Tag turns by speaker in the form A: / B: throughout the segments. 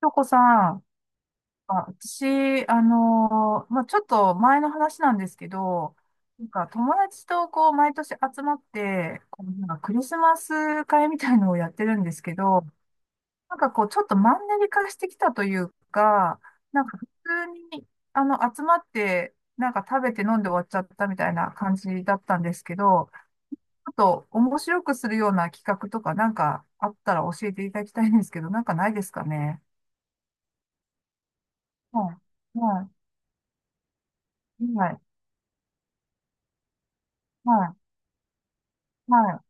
A: 京子さん、あ、私、まあ、ちょっと前の話なんですけど、なんか友達とこう毎年集まって、こうなんかクリスマス会みたいのをやってるんですけど、なんかこうちょっとマンネリ化してきたというか、なんか普通に集まって、なんか食べて飲んで終わっちゃったみたいな感じだったんですけど、ちょっと面白くするような企画とかなんかあったら教えていただきたいんですけど、なんかないですかね。はい。はい。はいはい、はい、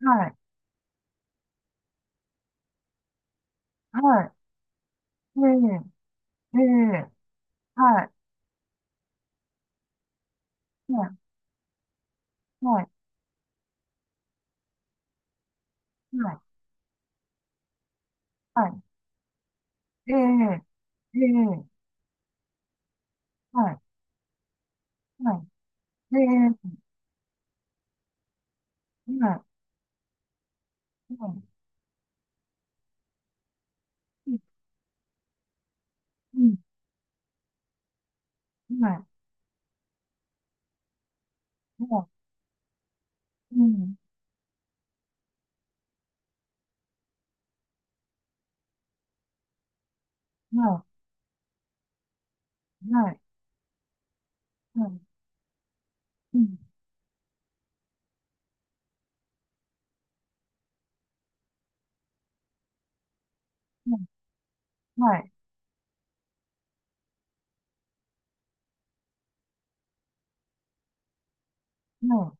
A: はい、はい、ええ、ええ、はい、はい、はい、はい、はい、ええ、ええ、はい、はい、ええ、はい、はい、うん、うん、はい、はい、うん、はい、はい、はい、うん、はい、は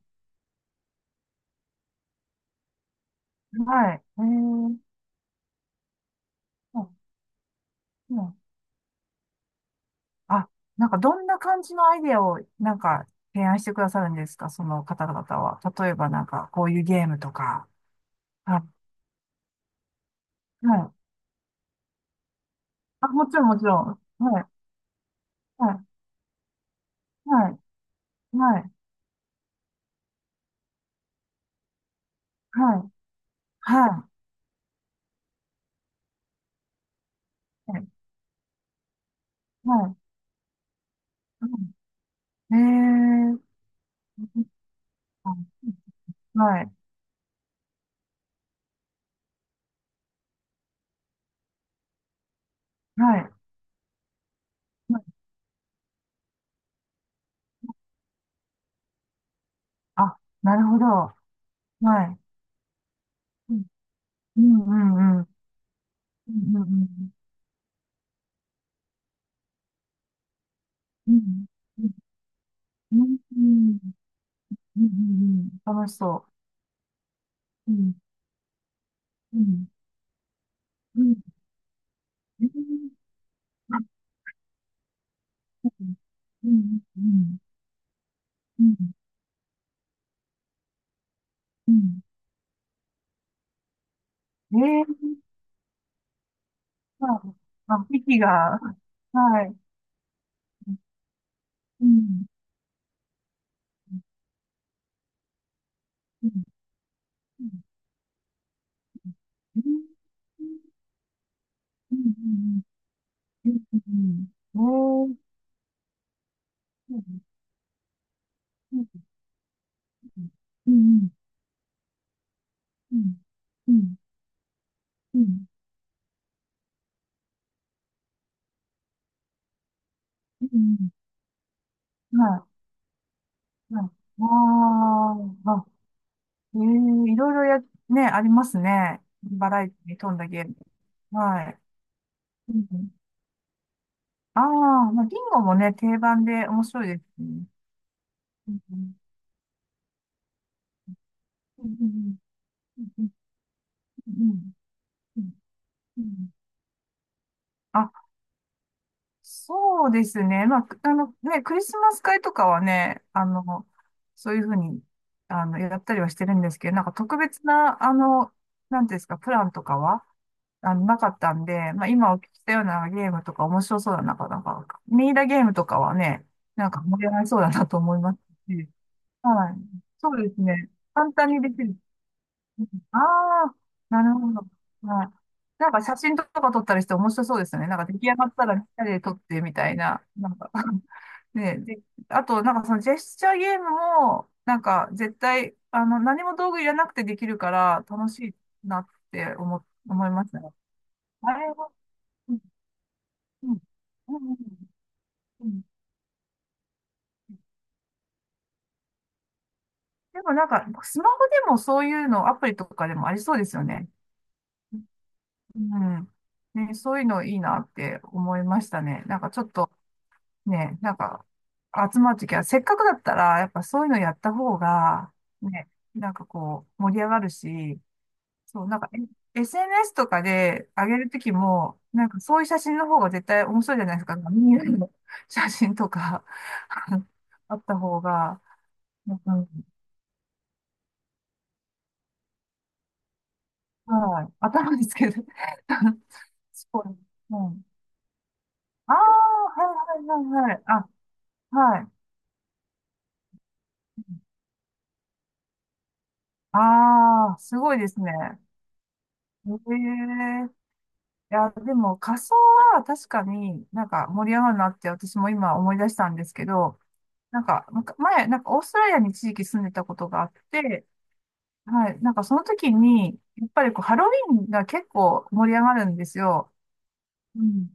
A: い、はい、ええ、はい、はい。あ、なんかどんな感じのアイデアをなんか提案してくださるんですか、その方々は。例えばなんかこういうゲームとか。はい、はい、あ、もちろん、もちろん。はい、はい、はい、はい、はい、はい、はい、はい。えー、はい、はい、はい。あ、なるほど。はい。うん、うん、うん。うん、うん、うん。うん、うん、うん。うん、楽しそう。うん、うん、うん。あ、うん、うん、うん、うん。えー、はい。あ、息が、はい。うん、うん、うん、うん、うん、うん、うん、おー、そうです、うん、うん、うん、うん、うん、うん、はい、はい、あー、あ、えーいろいろや、ね、ありますね。バラエティに富んだゲーム。はい。うん、ああ、まあ、ビンゴもね、定番で面白いですね。うん、うん、うん、うん、うん、うん、うん、うん、うん、うん、そうですね。まあ、ね、クリスマス会とかはね、そういうふうに、やったりはしてるんですけど、なんか特別な、なんていうんですか、プランとかは、なかったんで、まあ、今お聞きしたようなゲームとか面白そうだな、なんか、ミイラゲームとかはね、なんか盛り上がりそうだなと思いますし、はい。そうですね。簡単にできる。ああー、なるほど。はい。なんか写真とか撮ったりして面白そうですよね。なんか出来上がったらみんなで撮ってみたいな。なんか ね、で、あと、なんかそのジェスチャーゲームも、なんか絶対、何も道具いらなくてできるから楽しいなって思いましたね。あれは、うん、うん、うん、うん。でもなんか、スマホでもそういうの、アプリとかでもありそうですよね。うん。ね、そういうのいいなって思いましたね。なんかちょっと、ね、なんか、集まるときは、せっかくだったら、やっぱそういうのやった方が、ね、なんかこう、盛り上がるし、そう、なんか、え、 SNS とかで上げるときも、なんかそういう写真の方が絶対面白いじゃないですか。みんなの写真とか あった方が、なんか、うん、はい、頭ですけど そう、うん。ああ、はいはいはいはい。あ、はい。ああ、すごいですね。ええ、いや、でも仮装は確かになんか盛り上がるなって私も今思い出したんですけど、なんか前、なんかオーストラリアに一時期住んでたことがあって、はい、なんかその時に、やっぱりこうハロウィーンが結構盛り上がるんですよ。うん。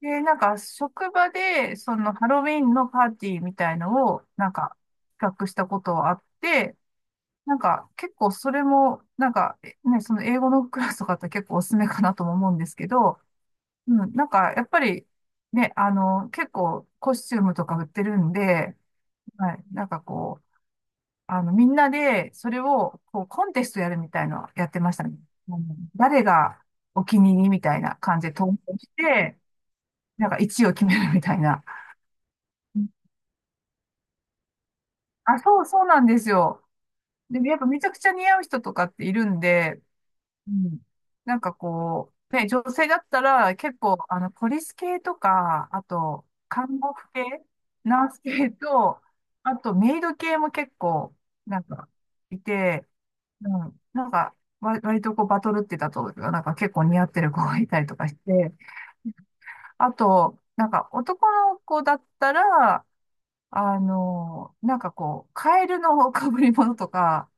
A: で、なんか職場でそのハロウィーンのパーティーみたいのをなんか企画したことはあって、なんか結構それもなんか、ね、その英語のクラスとかって結構おすすめかなとも思うんですけど、うん、なんか、やっぱり、ね、結構コスチュームとか売ってるんで、はい、なんかこう、みんなで、それを、こう、コンテストやるみたいのやってましたね。うん、誰がお気に入りみたいな感じで投票して、なんか1位を決めるみたいな。うん、あ、そう、そうなんですよ。で、やっぱめちゃくちゃ似合う人とかっているんで、うん。なんかこう、ね、女性だったら結構、ポリス系とか、あと、看護婦系、ナース系と、あと、メイド系も結構、なんか、いて、うん。なんか、割とこう、バトルってたと、なんか結構似合ってる子がいたりとかして、あと、なんか、男の子だったら、なんかこう、カエルの被り物とか、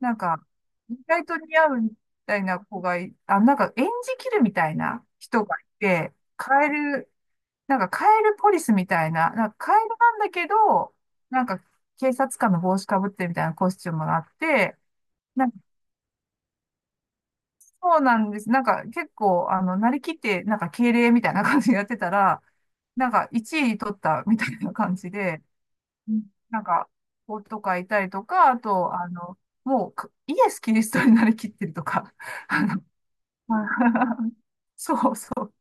A: なんか、意外と似合うみたいな子がい、あ、なんか演じきるみたいな人がいて、カエル、なんかカエルポリスみたいな、なんかカエルなんだけど、なんか警察官の帽子かぶってみたいなコスチュームがあって、なんか、そうなんです。なんか結構、なりきって、なんか敬礼みたいな感じでやってたら、なんか1位取ったみたいな感じで、うん、なんか、子とかいたりとか、あと、もうかイエス・キリストになりきってるとか。はい そうそう。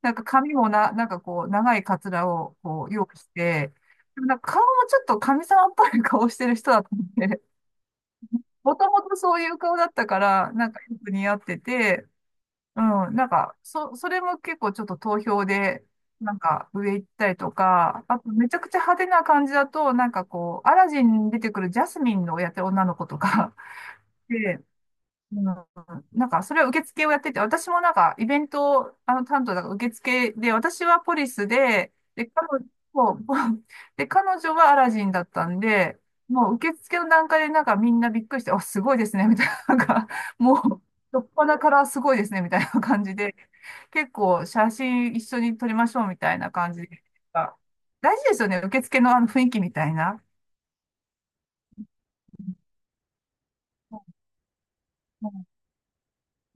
A: なんか髪もな、なんかこう、長いカツラをこう用意して、でもなんか顔もちょっと神様っぽい顔してる人だったんで、もともとそういう顔だったから、なんかよく似合ってて、うん、なんか、それも結構ちょっと投票で、なんか上行ったりとか、あとめちゃくちゃ派手な感じだと、なんかこう、アラジンに出てくるジャスミンのやってる女の子とか で、うん、なんか、それは受付をやってて、私もなんか、イベント、担当だから受付で、私はポリスで、で、彼女、そう で、彼女はアラジンだったんで、もう受付の段階でなんかみんなびっくりして、あ、すごいですね、みたいな、なんか、もう、どっぱなからすごいですね、みたいな感じで、結構写真一緒に撮りましょう、みたいな感じで。大事ですよね、受付のあの雰囲気みたいな。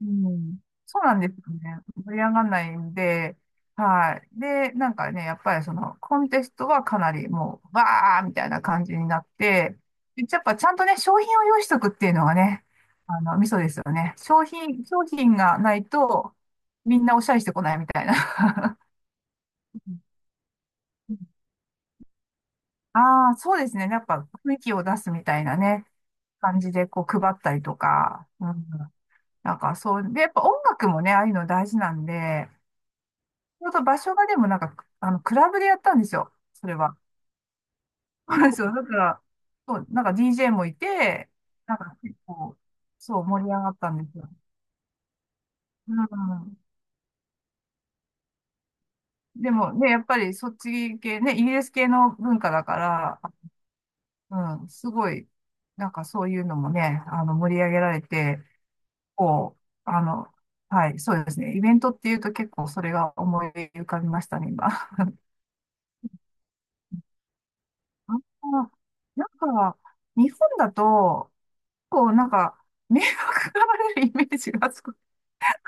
A: うん、そうなんですよね。盛り上がらないんで、はい。で、なんかね、やっぱりそのコンテストはかなりもう、わーみたいな感じになって、でやっぱちゃんとね、商品を用意しとくっていうのがね、ミソですよね。商品がないと、みんなおしゃれしてこないみたいな。ああー、そうですね。やっぱ雰囲気を出すみたいなね、感じでこう配ったりとか、うん、なんかそう、で、やっぱ音楽もね、ああいうの大事なんで、ちょうど場所がでもなんか、クラブでやったんですよ。それは。そうなんですよ だから、そう、なんか DJ もいて、なんか結構、そう、盛り上がったんですよ。うん。でもね、やっぱりそっち系ね、イギリス系の文化だから、うん、すごい、なんかそういうのもね、盛り上げられて、こう、はい、そうですね。イベントっていうと結構それが思い浮かびましたね、今。あ、なんか、日本だと、なんか、迷惑がられるイメージがすごく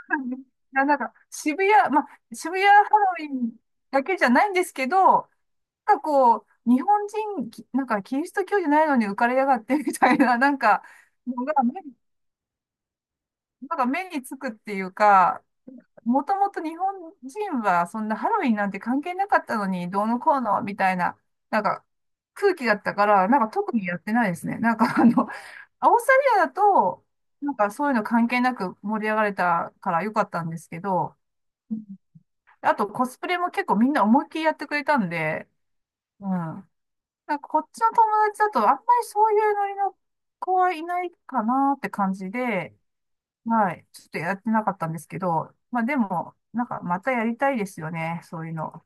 A: ある。なんか、渋谷、まあ、渋谷ハロウィンだけじゃないんですけど、なんかこう、日本人、なんかキリスト教じゃないのに浮かれやがってみたいな、なんか、のが目に、なんか目につくっていうか、もともと日本人はそんなハロウィンなんて関係なかったのに、どうのこうのみたいな、なんか空気だったから、なんか特にやってないですね。なんかオーストラリアだと、なんかそういうの関係なく盛り上がれたから良かったんですけど、うん、あとコスプレも結構みんな思いっきりやってくれたんで、うん。なんかこっちの友達だとあんまりそういうノリの子はいないかなって感じで、はい。ちょっとやってなかったんですけど、まあでも、なんかまたやりたいですよね、そういうの。